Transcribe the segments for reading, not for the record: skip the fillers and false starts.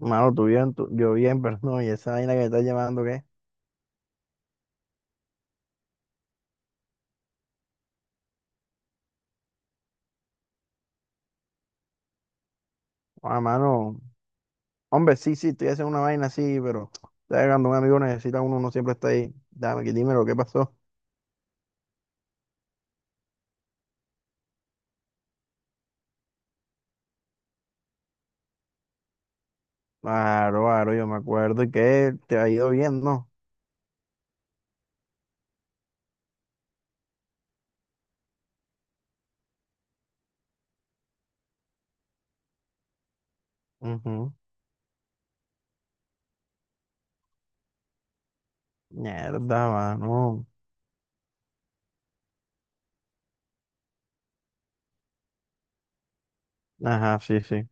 Mano, tú bien, yo bien, pero no, y esa vaina que me estás llamando, ¿qué? Ah, mano, hombre, sí, estoy haciendo una vaina así, pero ¿sabes? Cuando un amigo necesita uno, uno siempre está ahí. Dame, que dime lo que pasó. Claro, claro, yo me acuerdo y que te ha ido bien, ¿no? Ujú. Mierda, mano. Ajá, sí, sí.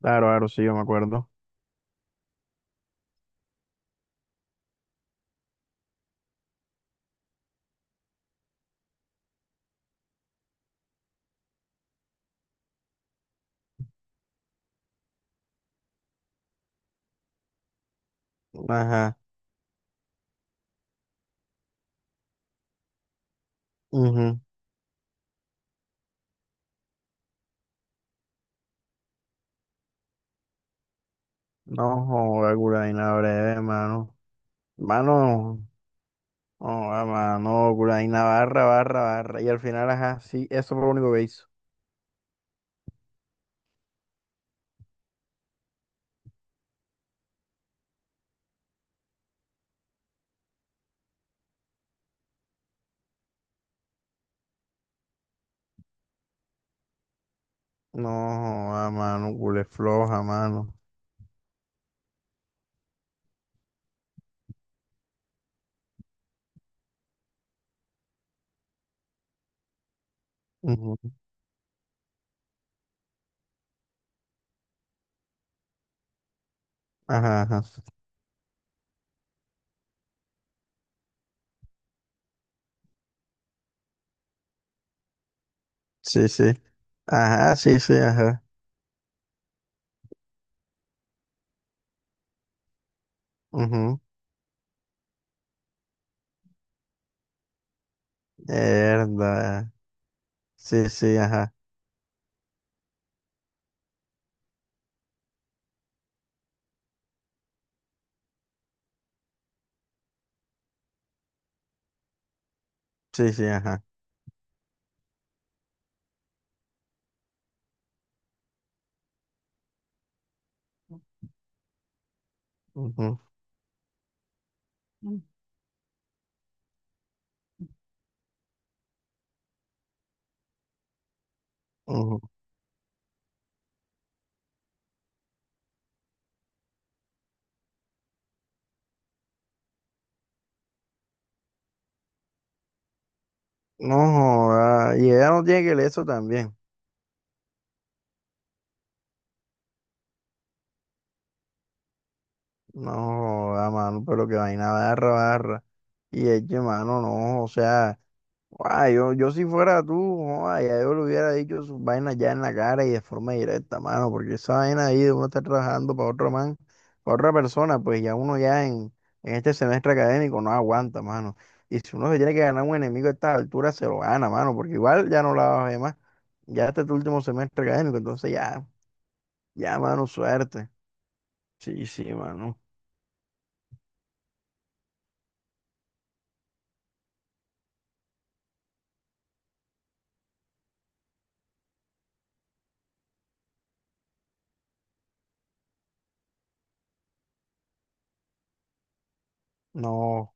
Claro, claro, sí, yo me acuerdo. Ajá. Ujú. No, joder, curaína breve, mano. Mano, no, mano, curaína barra, barra, barra. Y al final, ajá, sí, eso fue lo único que hizo. No, a mano, culé floja, mano. Ujú. Ajá, ajá. Sí, sí. Ajá, sí, sí, ajá. Ujú. Mierda. Sí, sí, ajá. Sí, sí, ajá. Ujú. Mm. Ujú. No, joda. Y ella no tiene que leer eso también. No, a mano, pero que vaina barra, barra. Y es que, mano, no, o sea. Guay, yo si fuera tú, guay, ya yo le hubiera dicho sus vainas ya en la cara y de forma directa, mano, porque esa vaina ahí de uno estar trabajando para otro man, para otra persona, pues ya uno ya en este semestre académico no aguanta, mano. Y si uno se tiene que ganar un enemigo a esta altura, se lo gana, mano, porque igual ya no la vas a ver más. Ya este es tu último semestre académico, entonces ya, ya, mano, suerte. Sí, sí, mano. No.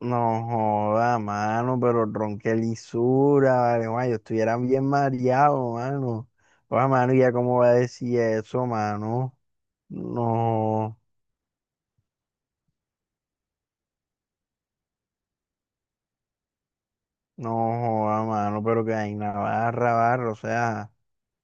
No joda, mano, pero ron, qué lisura, vale, guay, yo estuviera bien mareado, mano. Joda, mano, ¿y ya cómo va a decir eso, mano? No, no joda, mano, pero que hay una barra, barra, o sea,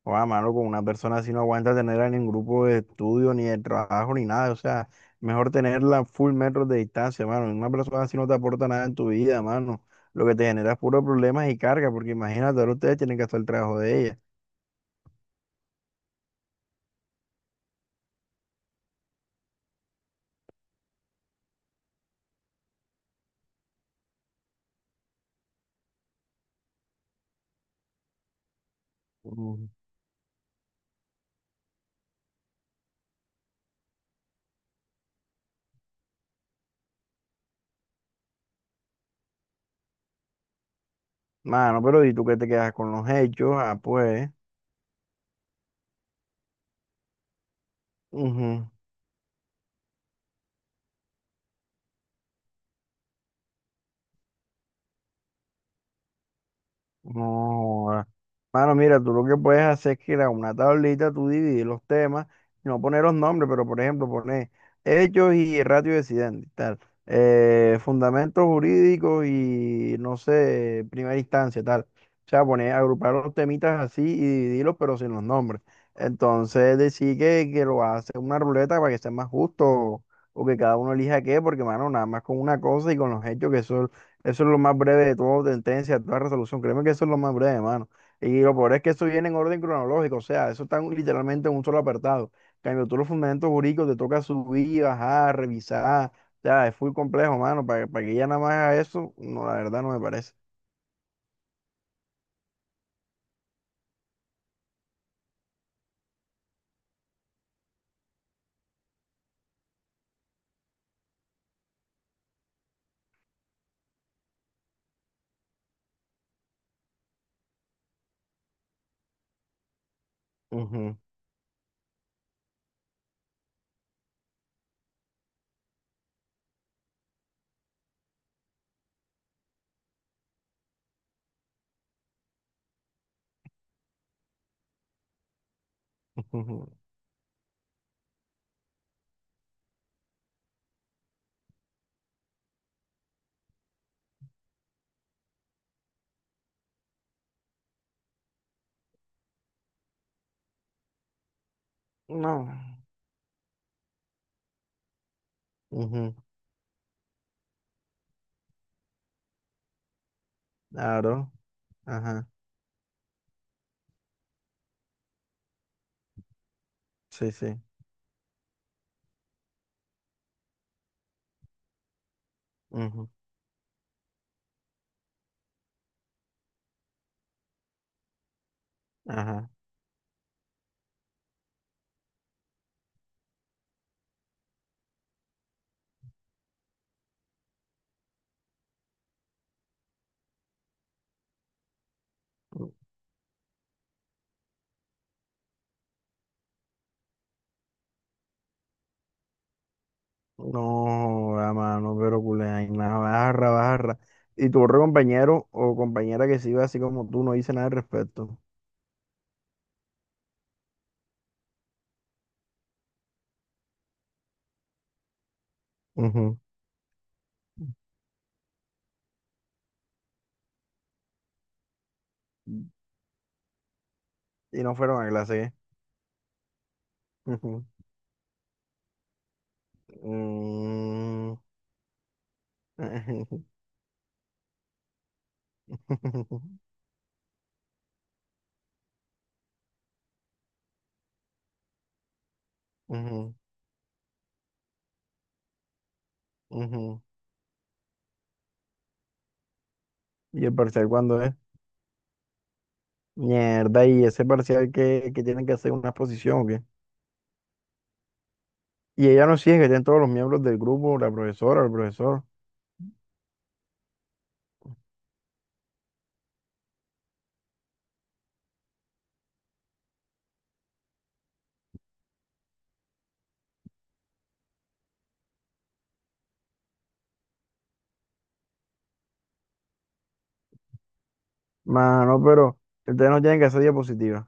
joda, mano, con una persona así no aguanta tenerla en ningún grupo de estudio, ni de trabajo, ni nada, o sea, mejor tenerla full metros de distancia, mano. Una persona así no te aporta nada en tu vida, mano. Lo que te genera es puro problemas y carga, porque imagínate, ahora ustedes tienen que hacer el trabajo de ella. Mano, pero ¿y tú qué te quedas con los hechos? Ah, pues. Ujú. No. Mano, mira, tú lo que puedes hacer es que crear una tablita, tú dividir los temas, y no poner los nombres, pero por ejemplo, poner hechos y ratio de accidente, tal, fundamentos jurídicos y no sé, primera instancia, tal. O sea, poner, agrupar los temitas así y dividirlos, pero sin los nombres. Entonces, decir que lo hace una ruleta para que sea más justo o que cada uno elija qué, porque, mano, nada más con una cosa y con los hechos, que eso es lo más breve de todo, sentencia, toda resolución. Créeme que eso es lo más breve, mano. Y lo peor es que eso viene en orden cronológico, o sea, eso está literalmente en un solo apartado. En cambio, tú los fundamentos jurídicos te toca subir, bajar, revisar. O sea, es muy complejo, mano. Para que ya nada más haga eso, no, la verdad no me parece. Ujú, ujú. No. Ujú. Claro. Ajá. Sí, sí. Ujú. Ajá. No, a mano, pero culé, ay, nada, barra, barra. Y tu otro compañero o compañera que se iba así como tú no dice nada al respecto. Ujú. Y no fueron a clase. Ujú. Mm. Ujú, ujú. ¿Y el parcial cuándo es? Mierda, y ese parcial que tienen que hacer una exposición o qué. Y ella no sigue, que tienen todos los miembros del grupo, la profesora, el profesor. Mano, pero ustedes no tienen que hacer diapositivas.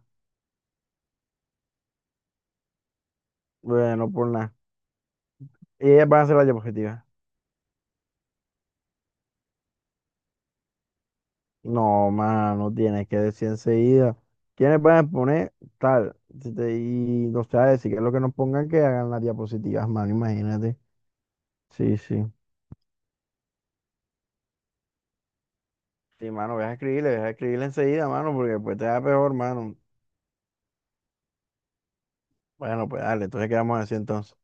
Bueno, por nada. Y ellas van a hacer las diapositivas. No, mano, tienes que decir enseguida. ¿Quiénes van a exponer? Tal. Si te- Y no sé, decir que es lo que nos pongan que hagan las diapositivas, mano, imagínate. Sí, sí. Sí, mano, deja escribirle enseguida, mano, porque pues te da peor, mano. Bueno, pues dale, entonces quedamos así entonces.